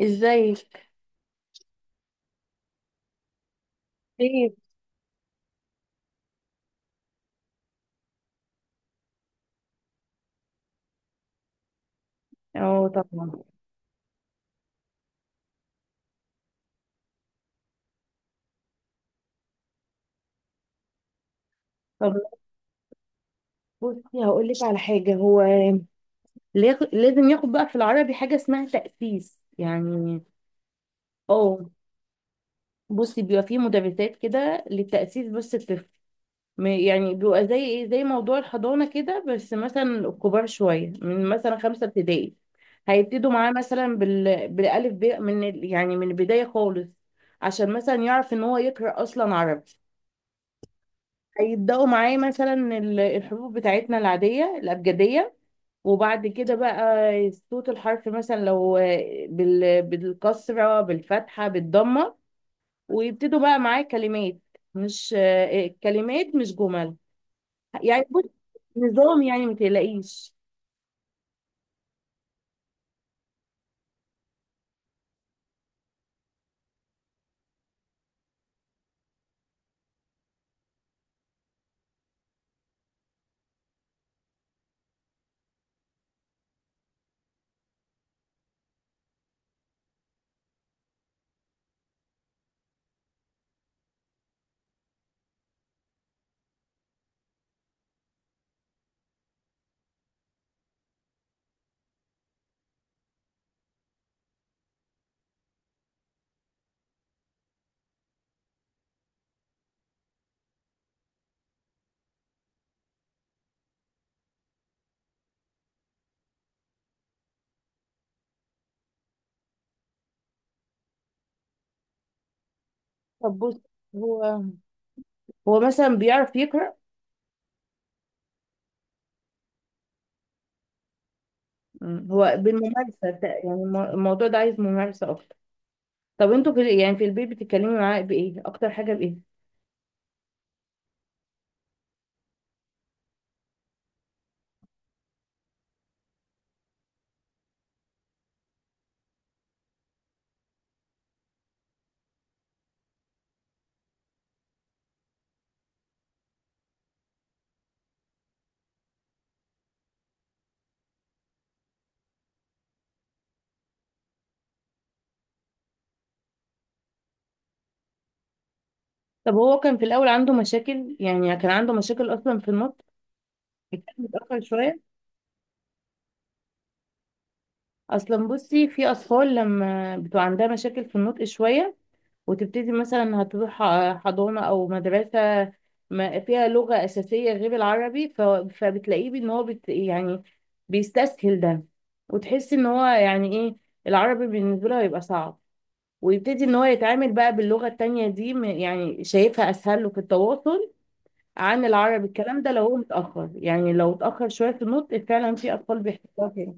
ازيك؟ خير. اه، طبعا. طب بصي، هقول لك على حاجه. هو لازم ياخد بقى في العربي حاجه اسمها تأسيس يعني. اه، بصي بيبقى فيه مدرسات كده للتأسيس. بس الطفل يعني بيبقى زي ايه، زي موضوع الحضانه كده، بس مثلا كبار شويه، من مثلا خمسه ابتدائي. هيبتدوا معاه مثلا بالالف ب، من يعني من البدايه خالص، عشان مثلا يعرف ان هو يقرأ اصلا عربي. هيبداوا معاه مثلا الحروف بتاعتنا العاديه، الابجديه. وبعد كده بقى، صوت الحرف مثلا، لو بالكسره، بالفتحه، بالضمه. ويبتدوا بقى معاه كلمات، مش كلمات، مش جمل. يعني بص، نظام، يعني ما تقلقيش. طب بص، هو هو مثلا بيعرف يقرا. مم. هو بالممارسه، يعني الموضوع ده عايز ممارسه اكتر. طب انتوا، في البيت بتتكلموا معاه بايه؟ اكتر حاجه بايه؟ طب هو كان في الأول عنده مشاكل؟ يعني كان عنده مشاكل أصلا في النطق؟ كان متأخر شوية؟ أصلا بصي، في أطفال لما بتبقى عندها مشاكل في النطق شوية، وتبتدي مثلا هتروح حضانة أو مدرسة ما فيها لغة أساسية غير العربي، فبتلاقيه إن هو بت يعني بيستسهل ده. وتحسي إن هو يعني إيه، العربي بالنسبة له هيبقى صعب، ويبتدي إن هو يتعامل بقى باللغة التانية دي، يعني شايفها أسهل له في التواصل عن العربي. الكلام ده لو هو متأخر، يعني لو اتأخر شوية في النطق فعلا، في أطفال بيحتاجوها كده.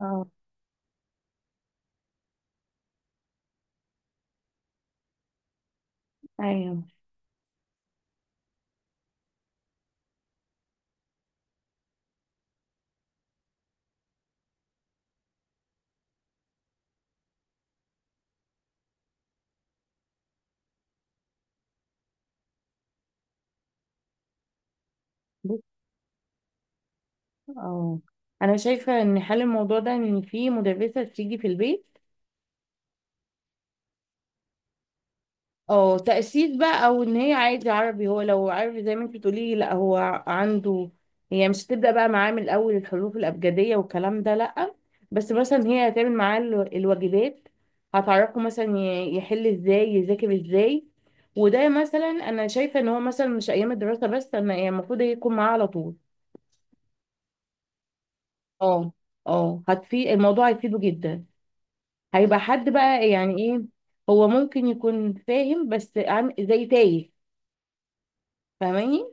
اه، ايوه، بص، اه، أنا شايفة إن حل الموضوع ده إن في مدرسة تيجي في البيت. اه، تأسيس بقى، او ان هي عادي عربي. هو لو عربي زي ما انت بتقولي، لا، هو عنده. هي مش هتبدأ بقى معاه من الاول الحروف الابجدية والكلام ده، لا. بس مثلا هي هتعمل معاه الواجبات. هتعرفه مثلا يحل ازاي، يذاكر ازاي. وده مثلا، انا شايفة ان هو مثلا مش ايام الدراسة بس، انا يعني المفروض يكون معاه على طول. اه، اه، هتفيد الموضوع، هيفيده جدا. هيبقى حد بقى يعني ايه. هو ممكن يكون فاهم بس زي تايه. فاهماني؟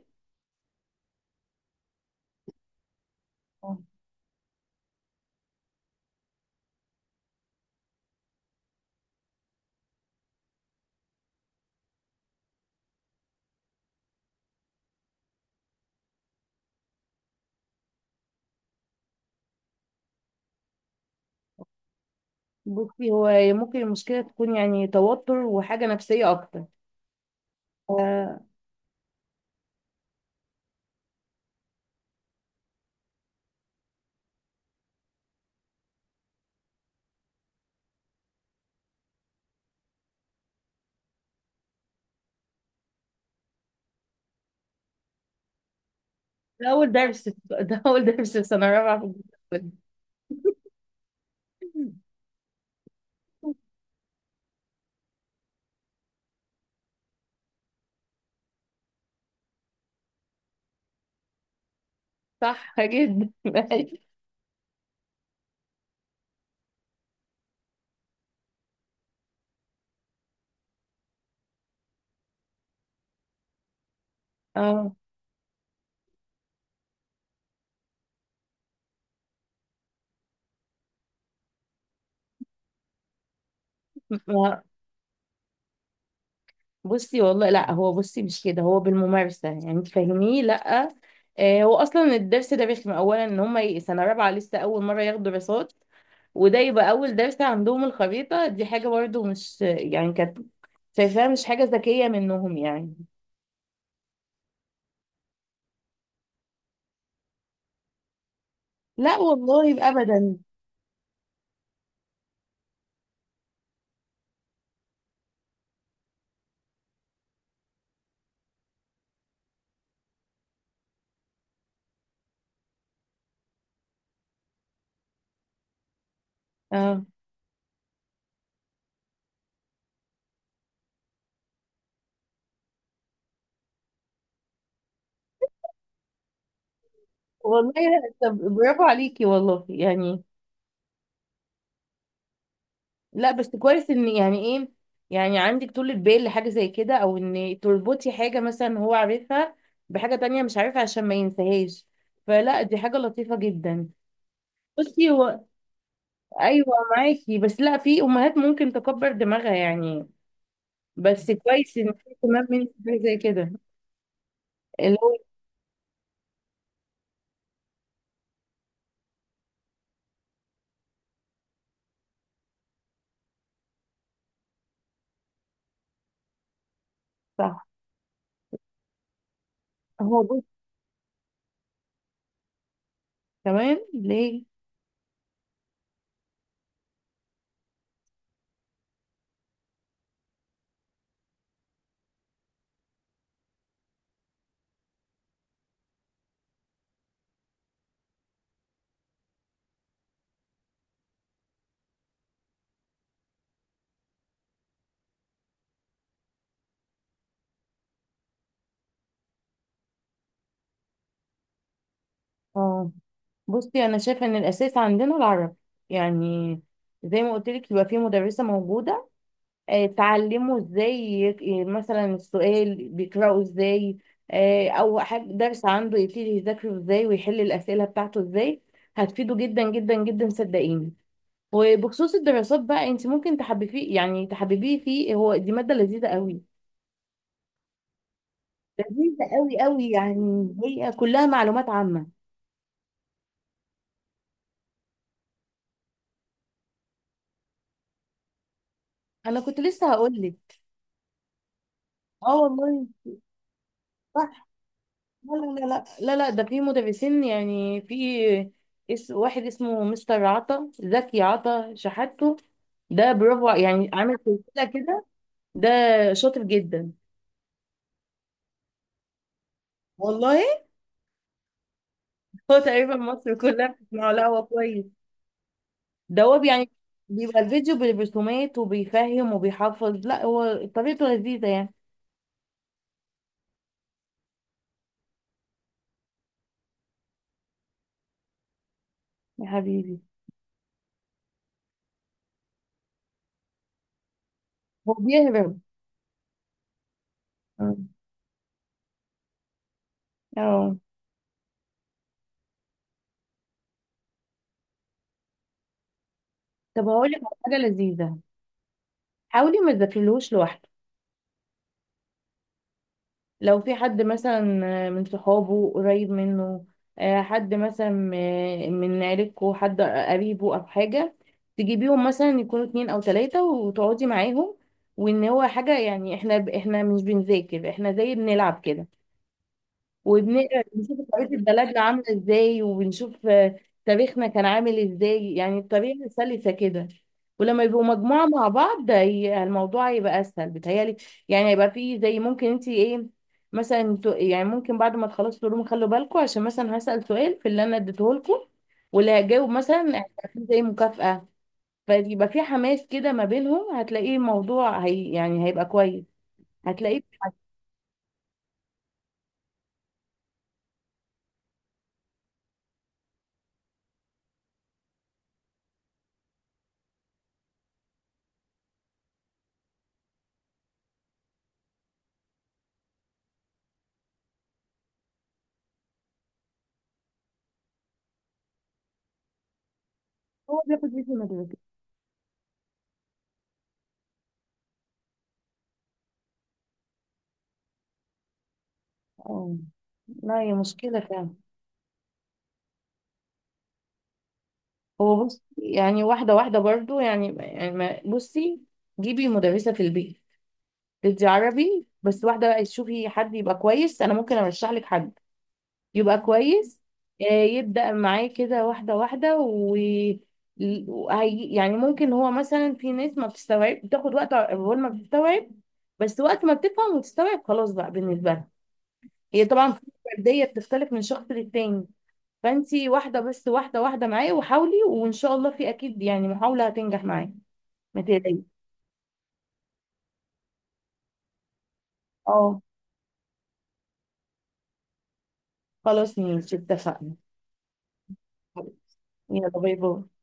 بصي، هو ممكن المشكلة تكون يعني توتر وحاجة نفسية أكتر. آه، ده أول درس، ده أول درس في سنة رابعة. في الجامعة. صح جدا. اه، ما- بصي والله لا، هو بصي مش كده، هو بالممارسة يعني تفهميه، لا. هو أصلا الدرس ده رخم. أولا إن هما سنة رابعة لسه أول مرة ياخدوا دراسات، وده يبقى أول درس عندهم. الخريطة دي حاجة برضو مش، يعني كانت شايفاها مش حاجة ذكية منهم يعني. لا والله أبدا. اه والله. طب برافو عليكي والله يعني. لا بس كويس ان يعني ايه، يعني عندك طولة بال لحاجة زي كده، او ان تربطي حاجة مثلا هو عارفها بحاجة تانية مش عارفها عشان ما ينساهاش. فلا، دي حاجة لطيفة جدا. بصي، هو. ايوه، معاكي بس، لا، في امهات ممكن تكبر دماغها يعني، بس كويس ان في اهتمام منك بحاجة زي كده. اللي هو. صح. هو بص، كمان ليه؟ اه، بصي انا شايفه ان الاساس عندنا العربي. يعني زي ما قلت لك، يبقى في مدرسه موجوده. تعلمه ازاي مثلا السؤال بيقراه ازاي. او حاجه، درس عنده يبتدي يذاكره ازاي، ويحل الاسئله بتاعته ازاي. هتفيده جدا جدا جدا، صدقيني. وبخصوص الدراسات بقى، انت ممكن تحببيه، يعني تحببيه فيه، هو دي ماده لذيذه قوي. لذيذه قوي قوي، يعني هي كلها معلومات عامه. انا كنت لسه هقول لك. اه والله. لا، لا، لا، لا، لا، ده في مدرسين، يعني في اس، واحد اسمه مستر عطا زكي، عطا شحاته. ده برافو يعني عامل سلسلة كده. ده شاطر جدا، والله. هو تقريبا مصر كلها بتسمعه، لا هو كويس. ده هو يعني بيبقى الفيديو بالرسومات، وبيفهم وبيحفظ، لا هو طريقته لذيذة يعني. يا حبيبي. هو بيهرب. اه، طب هقول لك على حاجة لذيذة. حاولي ما تذاكرلهوش لوحدك. لو في حد مثلا من صحابه قريب منه، حد مثلا من عيلتكوا، حد قريبه او حاجه، تجيبيهم مثلا يكونوا اتنين او تلاته، وتقعدي معاهم. وان هو حاجه يعني احنا مش بنذاكر، احنا زي بنلعب كده، وبنقرا، بنشوف خريطة بلدنا عاملة ازاي، وبنشوف تاريخنا كان عامل ازاي، يعني الطريقة سلسة كده. ولما يبقوا مجموعة مع بعض، ده الموضوع هيبقى أسهل بتهيألي. يعني هيبقى فيه زي، ممكن انت ايه، مثلا يعني ممكن بعد ما تخلصوا تقولوا خلوا بالكم، عشان مثلا هسأل سؤال في اللي انا اديته لكم، واللي هيجاوب مثلا هيبقى فيه زي مكافأة. فيبقى في حماس كده ما بينهم، هتلاقيه الموضوع هي يعني هيبقى كويس. هتلاقيه. هو بياخد اسم المدرسة. اه، لا، هي مشكلة فعلا. هو بص، يعني واحدة واحدة برضو، يعني بصي. جيبي مدرسة في البيت تدي عربي بس، واحدة بقى تشوفي حد يبقى كويس، أنا ممكن أرشح لك حد يبقى كويس. يبدأ معاه كده، واحدة واحدة، و يعني ممكن، هو مثلا في ناس ما بتستوعب، بتاخد وقت أول ما بتستوعب، بس وقت ما بتفهم وتستوعب، خلاص بقى بالنسبة لها. هي طبعا في فردية، بتختلف من شخص للتاني. فانتي واحده بس، واحده واحده معايا، وحاولي، وان شاء الله في اكيد يعني محاوله هتنجح معايا. ما تقلقيش. اه، خلاص ماشي، اتفقنا. يلا، باي باي.